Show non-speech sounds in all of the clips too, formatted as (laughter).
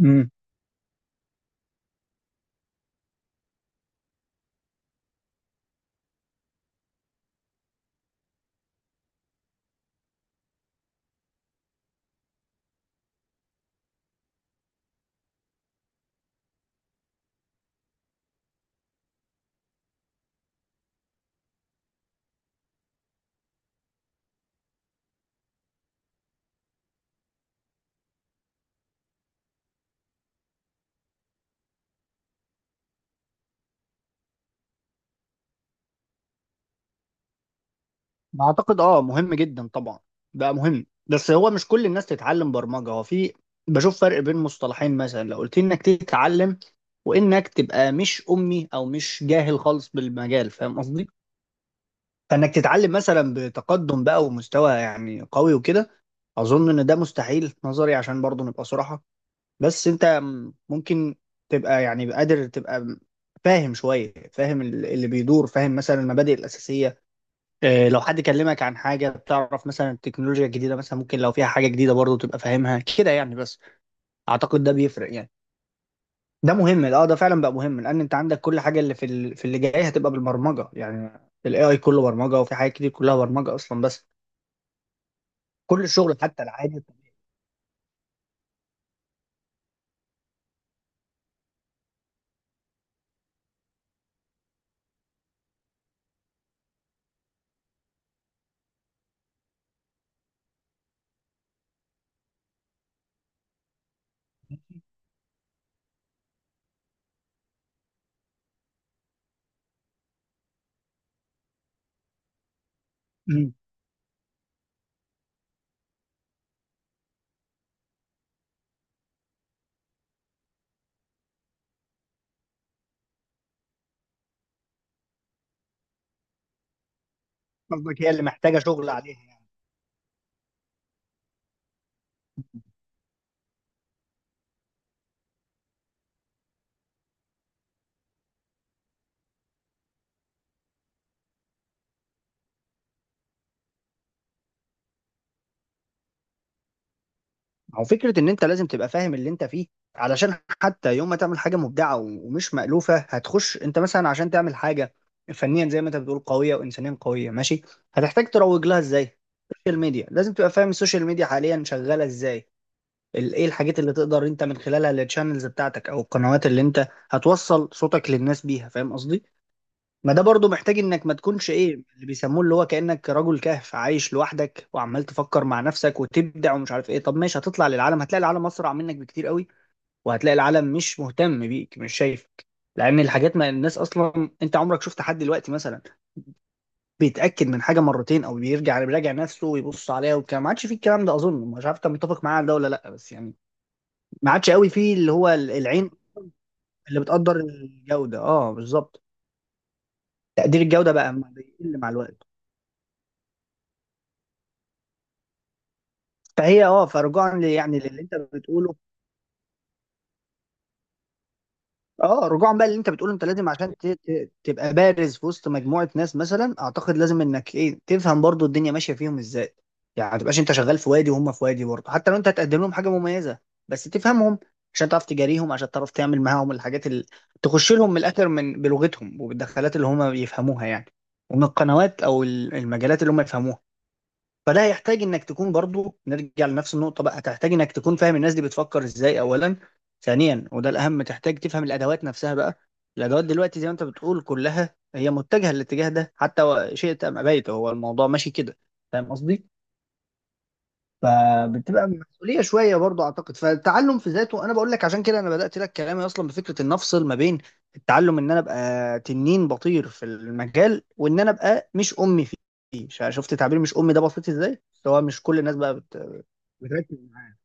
امم اعتقد اه مهم جدا طبعا. بقى مهم، بس هو مش كل الناس تتعلم برمجه. هو في بشوف فرق بين مصطلحين، مثلا لو قلت لي انك تتعلم وانك تبقى مش امي او مش جاهل خالص بالمجال، فاهم قصدي؟ فانك تتعلم مثلا بتقدم بقى ومستوى يعني قوي وكده، اظن ان ده مستحيل في نظري، عشان برضه نبقى صراحه. بس انت ممكن تبقى يعني قادر، تبقى فاهم شويه، فاهم اللي بيدور، فاهم مثلا المبادئ الاساسيه. لو حد كلمك عن حاجة بتعرف مثلا التكنولوجيا الجديدة، مثلا ممكن لو فيها حاجة جديدة برضه تبقى فاهمها كده يعني، بس أعتقد ده بيفرق يعني. ده مهم، اه، ده فعلا بقى مهم، لأن أنت عندك كل حاجة اللي في اللي جاي هتبقى بالبرمجة يعني. ال AI كله برمجة، وفي حاجات كتير كلها برمجة أصلا، بس كل الشغل حتى العادي. مم. قصدك هي اللي محتاجة شغل عليها يعني. هو فكرة إن أنت لازم تبقى فاهم اللي أنت فيه، علشان حتى يوم ما تعمل حاجة مبدعة ومش مألوفة، هتخش أنت مثلا عشان تعمل حاجة فنيا زي ما أنت بتقول قوية وإنسانيا قوية، ماشي. هتحتاج تروج لها إزاي؟ السوشيال ميديا، لازم تبقى فاهم السوشيال ميديا حاليا شغالة إزاي؟ إيه الحاجات اللي تقدر أنت من خلالها، التشانلز بتاعتك أو القنوات اللي أنت هتوصل صوتك للناس بيها، فاهم قصدي؟ ما ده برضو محتاج انك ما تكونش ايه اللي بيسموه، اللي هو كأنك رجل كهف عايش لوحدك وعمال تفكر مع نفسك وتبدع ومش عارف ايه. طب ماشي، هتطلع للعالم، هتلاقي العالم اسرع منك بكتير قوي، وهتلاقي العالم مش مهتم بيك، مش شايفك. لان الحاجات، ما الناس اصلا انت عمرك شفت حد دلوقتي مثلا بيتاكد من حاجه مرتين او بيرجع بيراجع نفسه ويبص عليها والكلام؟ ما عادش فيه الكلام ده، اظن، مش عارف انت متفق معايا على ده ولا لا، بس يعني ما عادش قوي فيه اللي هو العين اللي بتقدر الجوده، اه، بالظبط. تقدير الجوده بقى بيقل مع الوقت. فهي اه فرجوعا يعني للي انت بتقوله، اه، رجوعا بقى للي انت بتقوله. انت لازم عشان تبقى بارز في وسط مجموعه ناس مثلا، اعتقد لازم انك ايه، تفهم برضو الدنيا ماشيه فيهم ازاي، يعني ما تبقاش انت شغال في وادي وهم في وادي. برضو حتى لو انت هتقدم لهم حاجه مميزه، بس تفهمهم، عشان تعرف تجاريهم، عشان تعرف تعمل معاهم الحاجات اللي تخش لهم من الاخر، من بلغتهم وبالدخلات اللي هم بيفهموها يعني، ومن القنوات او المجالات اللي هم يفهموها. فده هيحتاج انك تكون، برضو نرجع لنفس النقطة بقى، هتحتاج انك تكون فاهم الناس دي بتفكر ازاي اولا. ثانيا وده الاهم، تحتاج تفهم الادوات نفسها بقى. الادوات دلوقتي زي ما انت بتقول كلها هي متجهة للاتجاه ده، حتى شئت ام ابيت، هو الموضوع ماشي كده، فاهم قصدي؟ فبتبقى مسؤوليه شويه برضو اعتقد، فالتعلم في ذاته، انا بقول لك عشان كده انا بدات لك كلامي اصلا بفكره ان افصل ما بين التعلم، ان انا ابقى تنين بطير في المجال، وان انا ابقى مش امي فيه. شفت تعبير مش امي ده بسيط ازاي، هو مش كل الناس بقى بتركز معاه.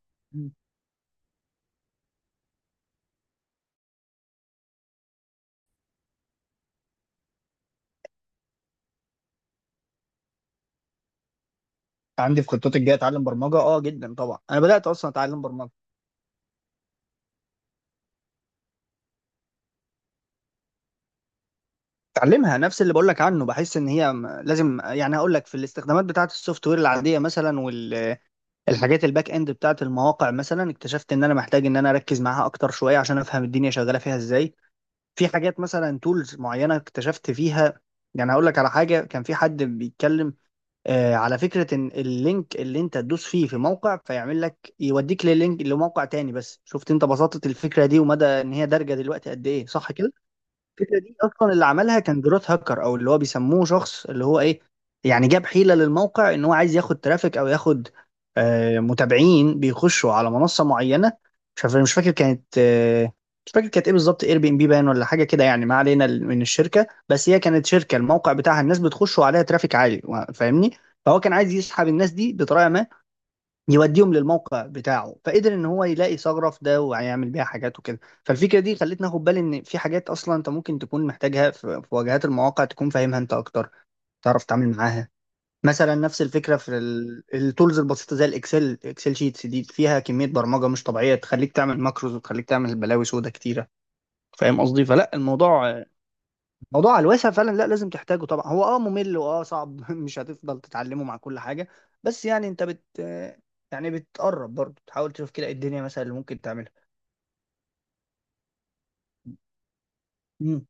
عندي في خطتي الجايه اتعلم برمجه، اه جدا طبعا، انا بدات اصلا اتعلم برمجه. اتعلمها نفس اللي بقول لك عنه، بحس ان هي لازم يعني، هقول لك في الاستخدامات بتاعه السوفت وير العاديه مثلا، الحاجات الباك اند بتاعت المواقع مثلا، اكتشفت ان انا محتاج ان انا اركز معاها اكتر شويه عشان افهم الدنيا شغاله فيها ازاي. في حاجات مثلا، تولز معينه اكتشفت فيها، يعني هقول لك على حاجه. كان في حد بيتكلم آه على فكره ان اللينك اللي انت تدوس فيه في موقع فيعمل لك، يوديك للينك لموقع تاني. بس شفت انت بساطه الفكره دي ومدى ان هي دارجه دلوقتي قد ايه؟ صح كده. الفكره دي اصلا اللي عملها كان جروث هاكر، او اللي هو بيسموه شخص اللي هو ايه، يعني جاب حيله للموقع ان هو عايز ياخد ترافيك او ياخد متابعين بيخشوا على منصه معينه. مش عارف مش فاكر كانت مش فاكر كانت ايه بالظبط، اير بي ام بي باين ولا حاجه كده يعني، ما علينا من الشركه، بس هي كانت شركه الموقع بتاعها الناس بتخش عليها ترافيك عالي، فاهمني؟ فهو كان عايز يسحب الناس دي بطريقه ما، يوديهم للموقع بتاعه، فقدر ان هو يلاقي ثغره في ده، وهيعمل بيها حاجات وكده. فالفكره دي خلتني اخد بالي ان في حاجات اصلا انت ممكن تكون محتاجها في واجهات المواقع تكون فاهمها انت اكتر، تعرف تتعامل معاها. مثلا نفس الفكره في التولز البسيطه، زي اكسل شيتس، دي فيها كميه برمجه مش طبيعيه، تخليك تعمل ماكروز وتخليك تعمل بلاوي سودا كتيره، فاهم قصدي؟ فلا الموضوع، موضوع على الواسع فعلا، لا لازم تحتاجه طبعا، هو اه ممل واه صعب (laughs) مش هتفضل تتعلمه مع كل حاجه، بس يعني انت بت آه، يعني بتقرب برضه تحاول تشوف كده إيه الدنيا مثلا اللي ممكن تعملها. امم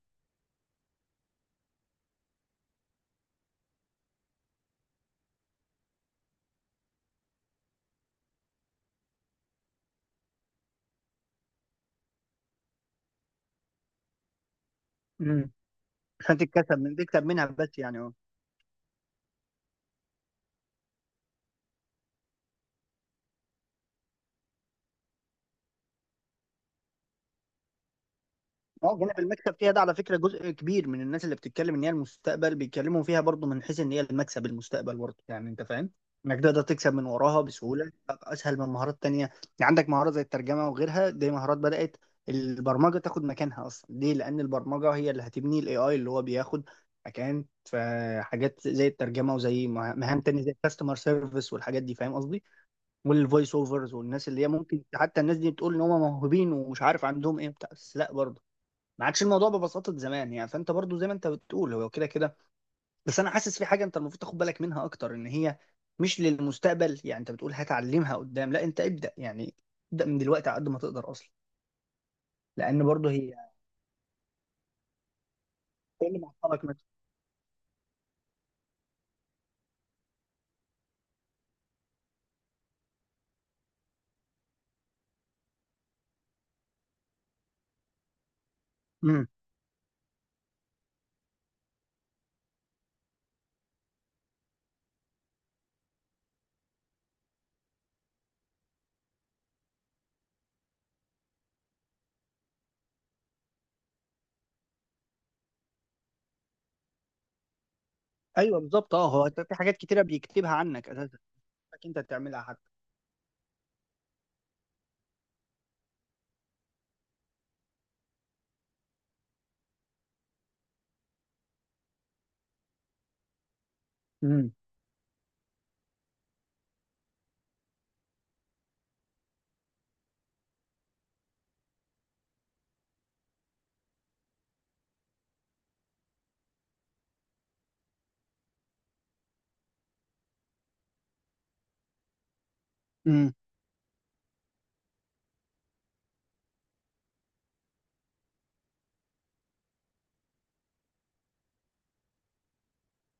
امم عشان تتكسب، من تكسب منها بس يعني، اه جانب المكسب فيها ده على فكرة، جزء كبير من الناس اللي بتتكلم ان هي المستقبل بيتكلموا فيها برضو من حيث ان هي المكسب، المستقبل برضو، يعني انت فاهم انك تقدر تكسب من وراها بسهولة بقى، اسهل من مهارات تانية يعني. عندك مهارة زي الترجمة وغيرها، دي مهارات بدأت البرمجة تاخد مكانها اصلا. ليه؟ لان البرمجة هي اللي هتبني الاي اي، اللي هو بياخد مكان في حاجات زي الترجمة وزي مهام تانية زي الكاستمر سيرفيس والحاجات دي، فاهم قصدي؟ والفويس اوفرز، والناس اللي هي ممكن، حتى الناس دي بتقول ان هم موهوبين ومش عارف عندهم ايه بتاع، بس لا برضه ما عادش الموضوع ببساطه زمان يعني. فانت برضو زي ما انت بتقول هو كده كده، بس انا حاسس في حاجه انت المفروض تاخد بالك منها اكتر، ان هي مش للمستقبل يعني، انت بتقول هتعلمها قدام، لا انت ابدا يعني، ابدا من دلوقتي على قد ما تقدر اصلا، لان برضو هي، إيه اللي معطلك مثلا؟ امم ايوه بالظبط، اه، هو في حاجات كتيره بيكتبها عنك اساسا، إنك انت تعملها حتى. امم امم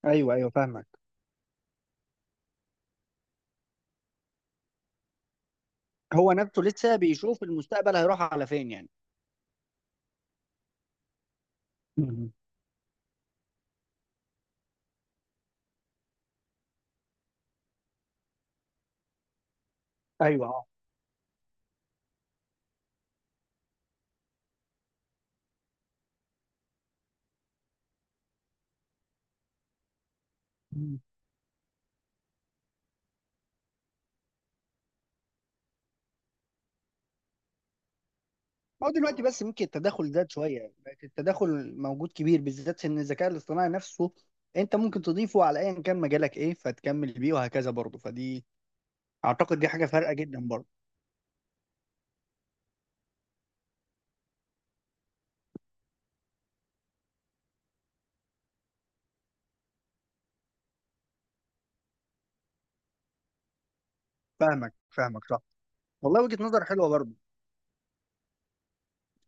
ايوه ايوه فاهمك. هو نفسه لسه بيشوف المستقبل هيروح على فين يعني. مم. ايوه، اه. هو دلوقتي بس ممكن التداخل زاد شويه يعني، بقت التداخل موجود كبير، بالذات ان الذكاء الاصطناعي نفسه انت ممكن تضيفه على ايا كان مجالك ايه، فتكمل بيه وهكذا برضه. فدي اعتقد دي حاجه فارقه جدا برضه. فاهمك فاهمك، صح. والله وجهه نظر حلوه برضه.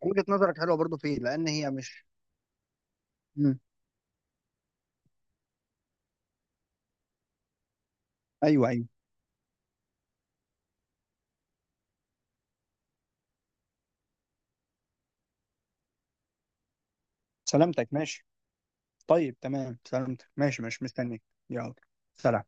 وجهه نظرك حلوه برضه فيه، لان هي مش. مم. ايوه ايوه. سلامتك، ماشي. طيب تمام، سلامتك، ماشي ماشي، مستنيك. يلا، سلام.